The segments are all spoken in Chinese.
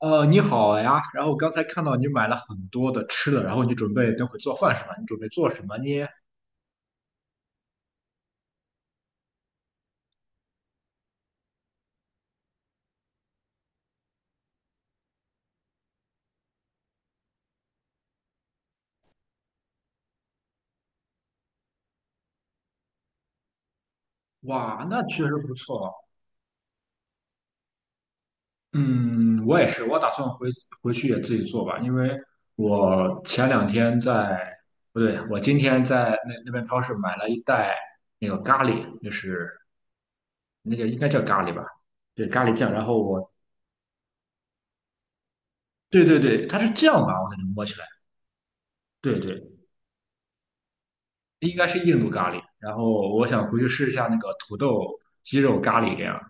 你好呀。然后刚才看到你买了很多的吃的，然后你准备等会做饭是吧？你准备做什么呢？哇，那确实不错。嗯，我也是，我打算回回去也自己做吧，因为我前两天在，不对，我今天在那边超市买了一袋那个咖喱，就是那个应该叫咖喱吧？对，咖喱酱。然后我，对对对，它是酱吧？我感觉摸起来，对对，应该是印度咖喱。然后我想回去试一下那个土豆鸡肉咖喱这样。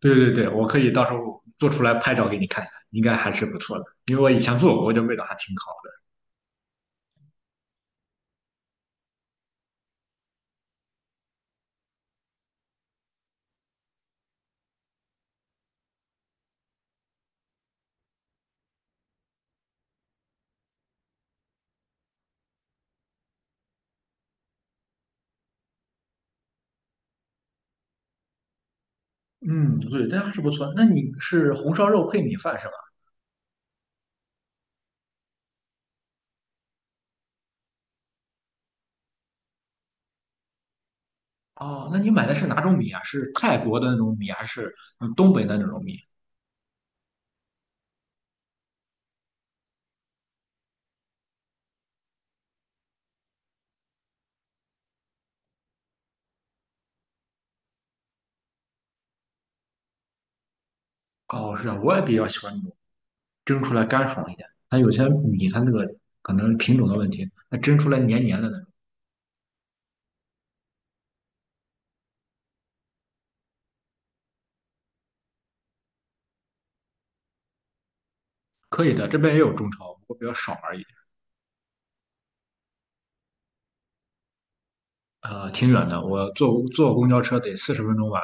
对对对，我可以到时候做出来拍照给你看看，应该还是不错的。因为我以前做过，我觉得味道还挺好的。嗯，对，这还是不错。那你是红烧肉配米饭是吧？哦，那你买的是哪种米啊？是泰国的那种米，还是东北的那种米？哦，是啊，我也比较喜欢那种蒸出来干爽一点。它有些米它那个可能品种的问题，它蒸出来黏黏的那种。可以的，这边也有中超，不过比较少而已。挺远的，我坐公交车得40分钟吧，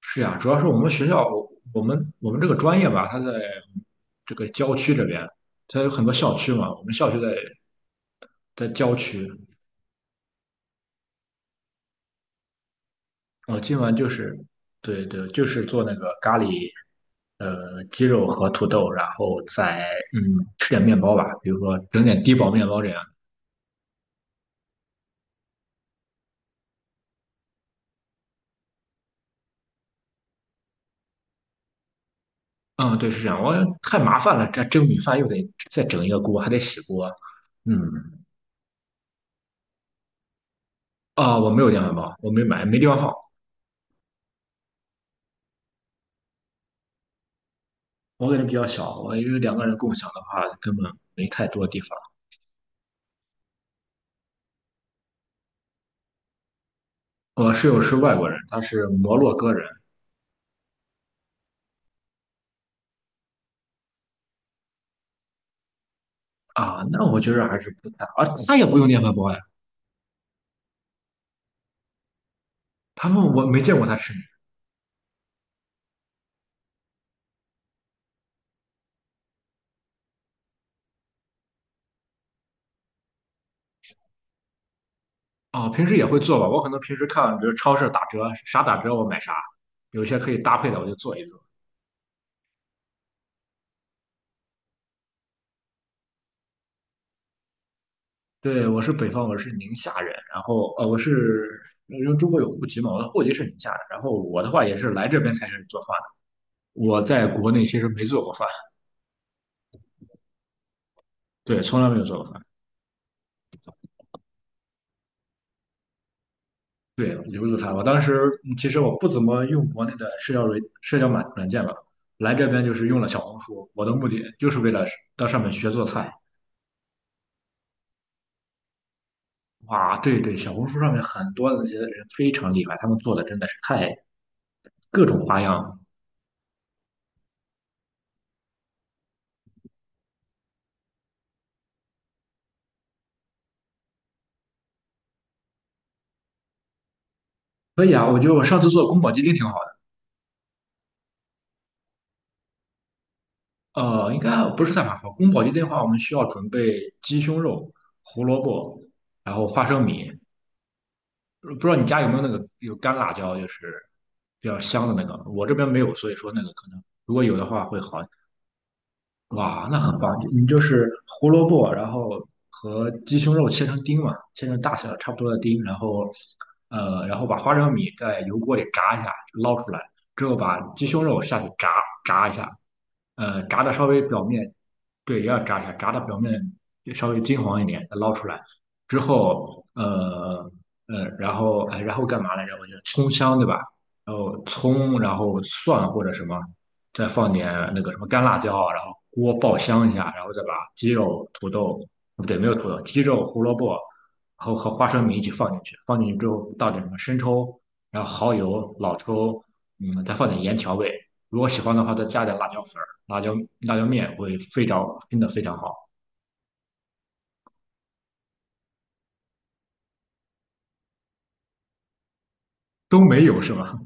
是呀，主要是我们学校，我我们这个专业吧，它在这个郊区这边，它有很多校区嘛。我们校区在在郊区，我今晚就是对对，就是做那个咖喱，鸡肉和土豆，然后再嗯吃点面包吧，比如说整点低饱面包这样。嗯，对，是这样。我太麻烦了，这蒸米饭又得再整一个锅，还得洗锅。嗯，啊，我没有电饭煲，我没买，没地方放。我感觉比较小，我因为两个人共享的话，根本没太多地方。我室友是外国人，他是摩洛哥人啊，那我觉得还是不太，好，啊，他也不用电饭煲呀，他们我没见过他吃面啊，平时也会做吧，我可能平时看，比如超市打折，啥打折我买啥，有些可以搭配的我就做一做。对，我是北方，我是宁夏人，然后我是因为中国有户籍嘛，我的户籍是宁夏的，然后我的话也是来这边才开始做饭的，我在国内其实没做过饭，对，从来没有做过饭。对，刘子涵，我当时其实我不怎么用国内的社交软社交软软件吧，来这边就是用了小红书，我的目的就是为了到上面学做菜。哇，对对，小红书上面很多的那些人非常厉害，他们做的真的是太各种花样。可以啊，我觉得我上次做的宫保鸡丁挺好的。应该不是太麻烦。宫保鸡丁的话，我们需要准备鸡胸肉、胡萝卜，然后花生米。不知道你家有没有那个有干辣椒，就是比较香的那个。我这边没有，所以说那个可能如果有的话会好。哇，那很棒！你就是胡萝卜，然后和鸡胸肉切成丁嘛，切成大小差不多的丁，然后然后把花生米在油锅里炸一下，捞出来之后，把鸡胸肉下去炸一下，炸的稍微表面，对，也要炸一下，炸的表面稍微金黄一点，再捞出来之后，然后哎，然后干嘛来着？我觉得葱香对吧？然后葱，然后蒜或者什么。再放点那个什么干辣椒啊，然后锅爆香一下，然后再把鸡肉、土豆，哦不对，没有土豆，鸡肉、胡萝卜，然后和花生米一起放进去。放进去之后倒点什么生抽，然后蚝油、老抽，嗯，再放点盐调味。如果喜欢的话，再加点辣椒粉儿、辣椒面，会非常真的非常好。都没有是吗？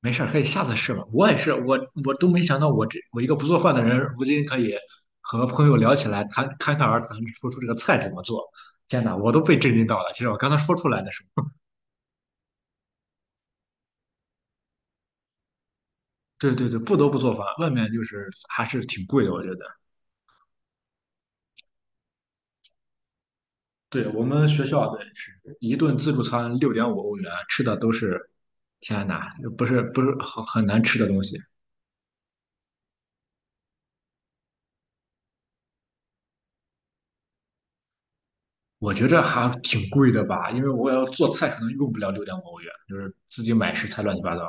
没事儿，可以下次试吧。我也是，我我都没想到我这我一个不做饭的人，如今可以和朋友聊起来，谈侃侃而谈，说出这个菜怎么做。天哪，我都被震惊到了。其实我刚才说出来的时候，对对对，不得不做饭，外面就是还是挺贵的，我觉得。对我们学校的是一顿自助餐六点五欧元，吃的都是天哪，不是很难吃的东西。我觉着还挺贵的吧，因为我要做菜可能用不了六点五欧元，就是自己买食材乱七八糟。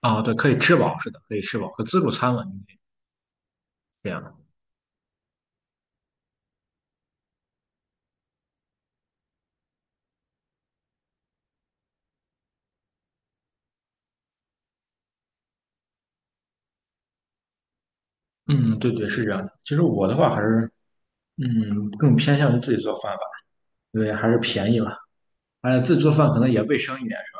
啊，对，可以吃饱，是的，可以吃饱，和自助餐嘛，应该这样的。嗯，对对，是这样的。其实我的话还是，嗯，更偏向于自己做饭吧，因为还是便宜嘛，而且自己做饭可能也卫生一点，是吧？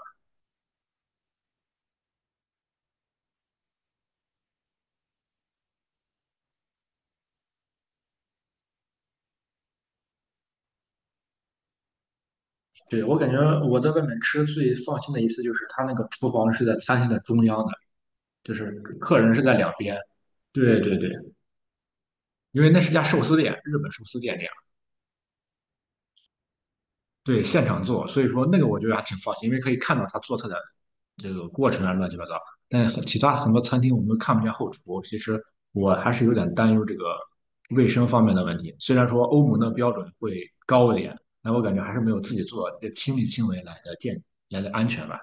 对，我感觉我在外面吃最放心的一次就是他那个厨房是在餐厅的中央的，就是客人是在两边。对对对，因为那是家寿司店，日本寿司店那样。对，现场做，所以说那个我觉得还挺放心，因为可以看到他做菜的这个过程啊，乱七八糟。但是其他很多餐厅我们都看不见后厨，其实我还是有点担忧这个卫生方面的问题。虽然说欧盟的标准会高一点，但我感觉还是没有自己做这亲力亲为来的健来的安全吧。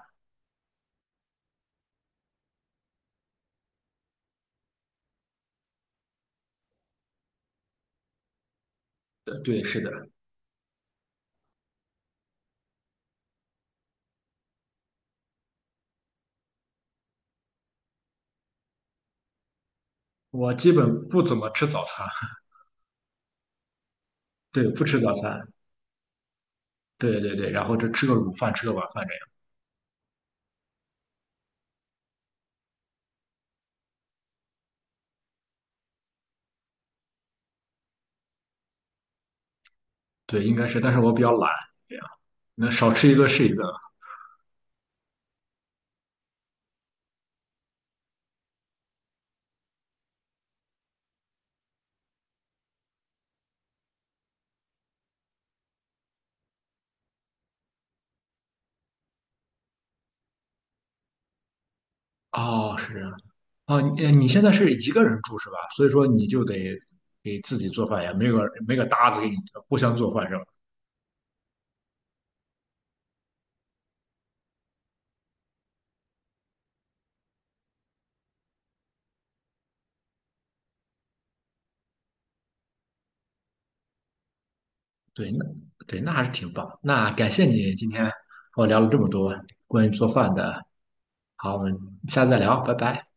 呃对，是的，我基本不怎么吃早餐，对，不吃早餐，对对对，然后就吃个午饭，吃个晚饭这样。对，应该是，但是我比较懒，这样那少吃一顿是一顿。哦，是这样。啊，你你现在是一个人住是吧？所以说你就得给自己做饭呀，没有没个搭子给你互相做饭是吧？对，那对那还是挺棒。那感谢你今天和我聊了这么多关于做饭的。好，我们下次再聊，拜拜。